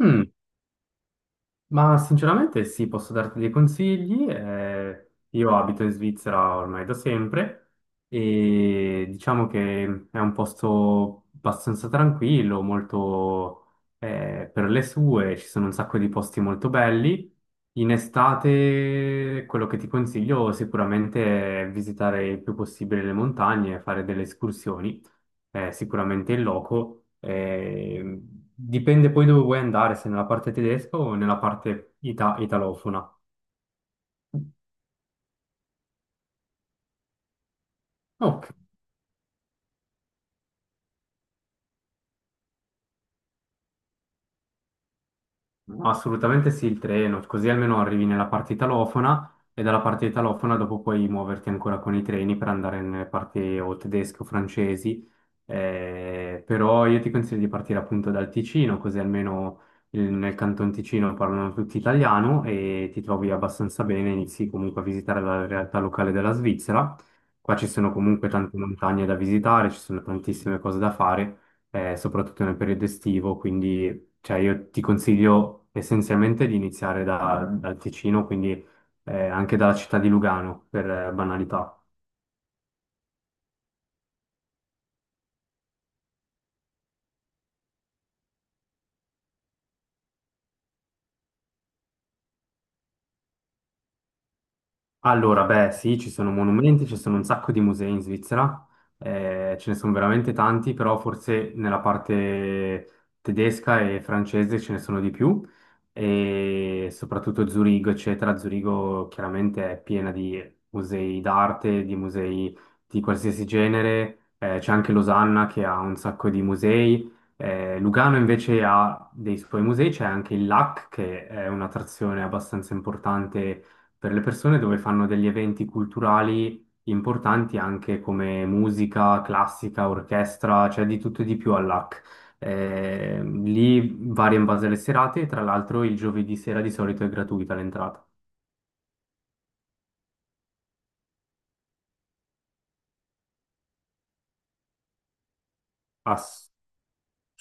Mm. Ma sinceramente sì, posso darti dei consigli. Io abito in Svizzera ormai da sempre e diciamo che è un posto abbastanza tranquillo, molto per le sue, ci sono un sacco di posti molto belli. In estate quello che ti consiglio sicuramente è visitare il più possibile le montagne, e fare delle escursioni sicuramente in loco. Dipende poi dove vuoi andare, se nella parte tedesca o nella parte italofona. Ok. No, assolutamente sì, il treno, così almeno arrivi nella parte italofona e dalla parte italofona dopo puoi muoverti ancora con i treni per andare nelle parti o tedesche o francesi, però io ti consiglio di partire appunto dal Ticino, così almeno nel Canton Ticino parlano tutti italiano e ti trovi abbastanza bene, inizi comunque a visitare la realtà locale della Svizzera, qua ci sono comunque tante montagne da visitare, ci sono tantissime cose da fare soprattutto nel periodo estivo, quindi cioè, io ti consiglio essenzialmente di iniziare dal Ticino, quindi anche dalla città di Lugano, per banalità. Allora, beh, sì, ci sono monumenti, ci sono un sacco di musei in Svizzera, ce ne sono veramente tanti, però forse nella parte tedesca e francese ce ne sono di più, e soprattutto Zurigo, eccetera. Zurigo chiaramente è piena di musei d'arte, di musei di qualsiasi genere, c'è anche Losanna che ha un sacco di musei. Lugano invece ha dei suoi musei, c'è anche il LAC che è un'attrazione abbastanza importante per le persone dove fanno degli eventi culturali importanti anche come musica classica, orchestra, cioè di tutto e di più all'AC. Lì varia in base alle serate e tra l'altro il giovedì sera di solito è gratuita l'entrata. Assolutamente.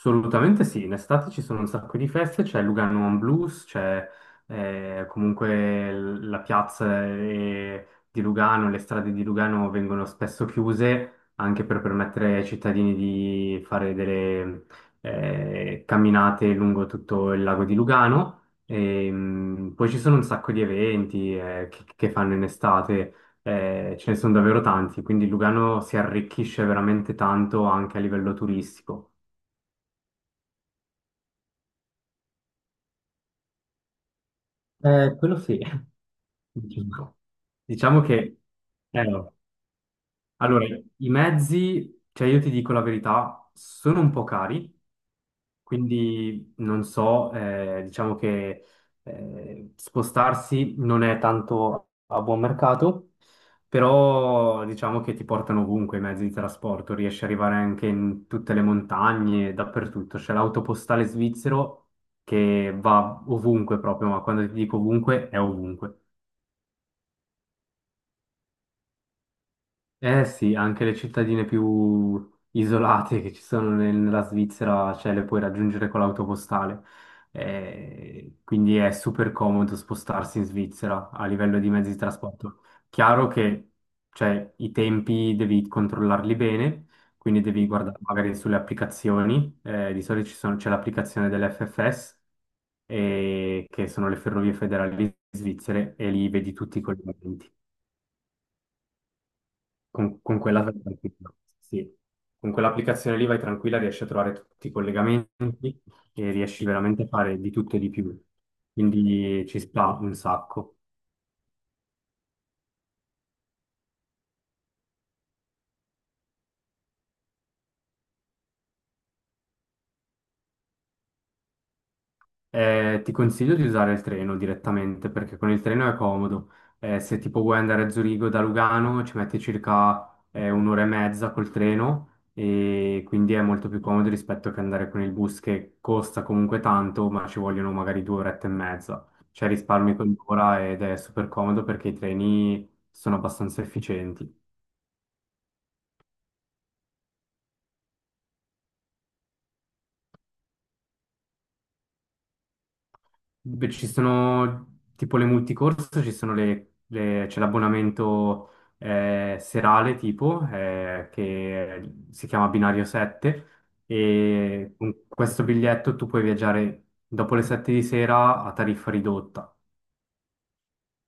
Assolutamente sì, in estate ci sono un sacco di feste, c'è Lugano on Blues, c'è comunque la piazza di Lugano, le strade di Lugano vengono spesso chiuse anche per permettere ai cittadini di fare delle camminate lungo tutto il lago di Lugano. E, poi ci sono un sacco di eventi che fanno in estate, ce ne sono davvero tanti, quindi Lugano si arricchisce veramente tanto anche a livello turistico. Quello sì, diciamo diciamo che no. Allora, i mezzi, cioè io ti dico la verità, sono un po' cari, quindi non so, diciamo che spostarsi non è tanto a buon mercato, però diciamo che ti portano ovunque i mezzi di trasporto, riesci ad arrivare anche in tutte le montagne, dappertutto, c'è l'autopostale svizzero che va ovunque proprio, ma quando ti dico ovunque è ovunque. Eh sì, anche le cittadine più isolate che ci sono nella Svizzera, cioè le puoi raggiungere con l'autopostale. Quindi è super comodo spostarsi in Svizzera a livello di mezzi di trasporto. Chiaro che cioè, i tempi devi controllarli bene, quindi devi guardare magari sulle applicazioni. Di solito c'è l'applicazione dell'FFS, che sono le ferrovie federali svizzere, e lì vedi tutti i collegamenti. Con quella vai tranquilla, sì. Con quell'applicazione lì vai tranquilla, riesci a trovare tutti i collegamenti e riesci veramente a fare di tutto e di più. Quindi ci sta un sacco. Ti consiglio di usare il treno direttamente perché con il treno è comodo. Se tipo vuoi andare a Zurigo da Lugano ci metti circa un'ora e mezza col treno e quindi è molto più comodo rispetto che andare con il bus che costa comunque tanto, ma ci vogliono magari due orette e mezza. Cioè risparmi quell'ora ed è super comodo perché i treni sono abbastanza efficienti. Beh, ci sono tipo le multicorse, ci sono c'è l'abbonamento serale tipo che si chiama Binario 7 e con questo biglietto tu puoi viaggiare dopo le 7 di sera a tariffa ridotta,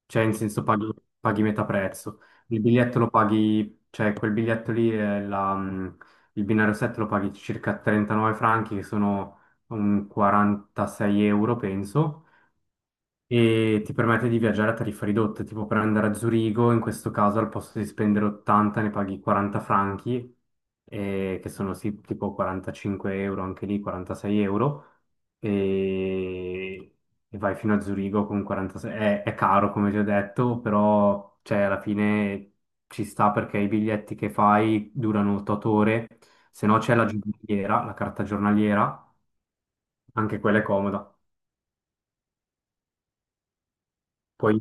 cioè in senso paghi metà prezzo. Il biglietto lo paghi, cioè quel biglietto lì, è il Binario 7 lo paghi circa 39 franchi che sono un 46 euro penso e ti permette di viaggiare a tariffa ridotta, tipo per andare a Zurigo, in questo caso al posto di spendere 80 ne paghi 40 franchi, che sono sì, tipo 45 euro, anche lì 46 euro, e, e vai fino a Zurigo con 46. È caro, come ti ho detto, però cioè, alla fine ci sta perché i biglietti che fai durano 8 ore, se no c'è la giornaliera, la carta giornaliera, anche quella è comoda. Poi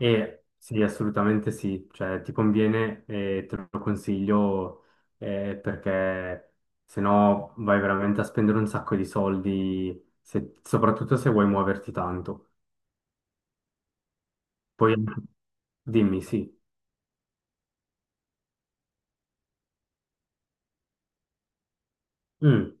E sì, assolutamente sì, cioè ti conviene e te lo consiglio perché se no vai veramente a spendere un sacco di soldi, soprattutto se vuoi muoverti tanto. Poi dimmi, sì. Mm.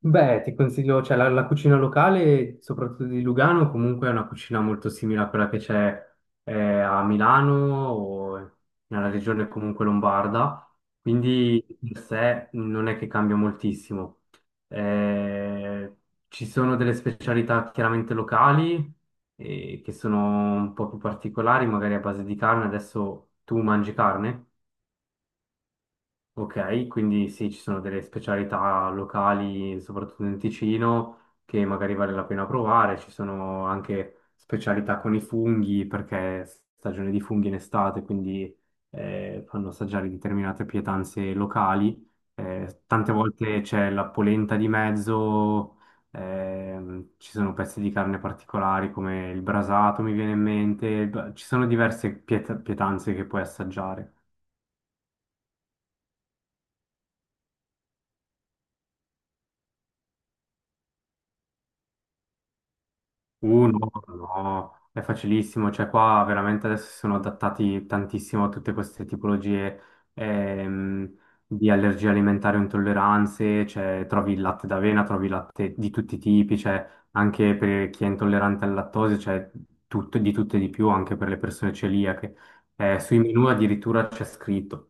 Beh, ti consiglio, cioè la cucina locale, soprattutto di Lugano, comunque è una cucina molto simile a quella che c'è eh, a Milano o nella regione comunque lombarda, quindi di per sé non è che cambia moltissimo. Eh, ci sono delle specialità chiaramente locali che sono un po' più particolari, magari a base di carne. Adesso tu mangi carne? Ok, quindi sì, ci sono delle specialità locali, soprattutto in Ticino, che magari vale la pena provare. Ci sono anche specialità con i funghi, perché è stagione di funghi in estate, quindi fanno assaggiare determinate pietanze locali. Tante volte c'è la polenta di mezzo, ci sono pezzi di carne particolari come il brasato, mi viene in mente. Ci sono diverse pietanze che puoi assaggiare. No, no, è facilissimo, cioè qua veramente adesso si sono adattati tantissimo a tutte queste tipologie ehm, di allergie alimentari o intolleranze, cioè trovi il latte d'avena, trovi il latte di tutti i tipi, cioè anche per chi è intollerante al lattosio, cioè tutto, di tutto e di più, anche per le persone celiache. Sui menu addirittura c'è scritto.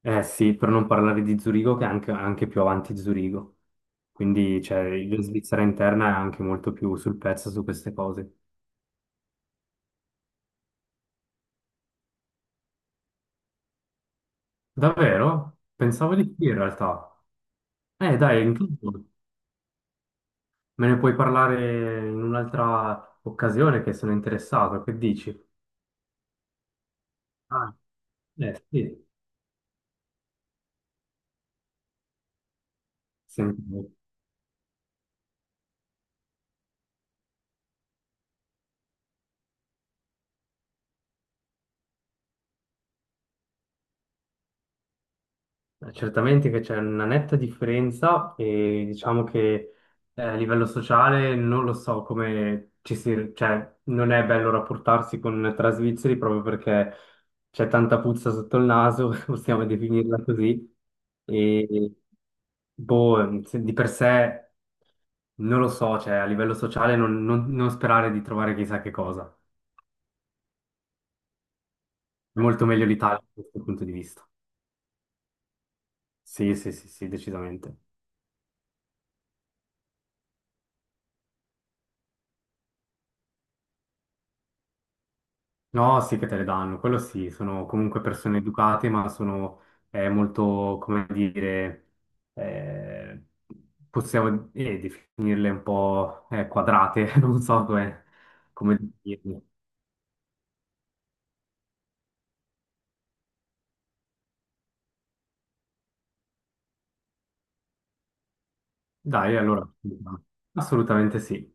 Eh sì, per non parlare di Zurigo che è anche, più avanti di Zurigo. Quindi cioè, la Svizzera interna è anche molto più sul pezzo su queste cose. Davvero? Pensavo di sì in realtà. Dai, intanto me ne puoi parlare in un'altra occasione che sono interessato. Che dici? Ah, eh sì, senti. Certamente che c'è una netta differenza e diciamo che a livello sociale non lo so come ci si, cioè non è bello rapportarsi con tra svizzeri proprio perché c'è tanta puzza sotto il naso, possiamo definirla così, e boh, di per sé non lo so, cioè a livello sociale non sperare di trovare chissà che cosa. È molto meglio l'Italia da questo punto di vista. Sì, sì, sì, sì, decisamente. No, sì che te le danno, quello sì, sono comunque persone educate, ma sono molto, come dire, eh, possiamo definirle un po' quadrate, non so come dirle. Dai, allora, assolutamente sì.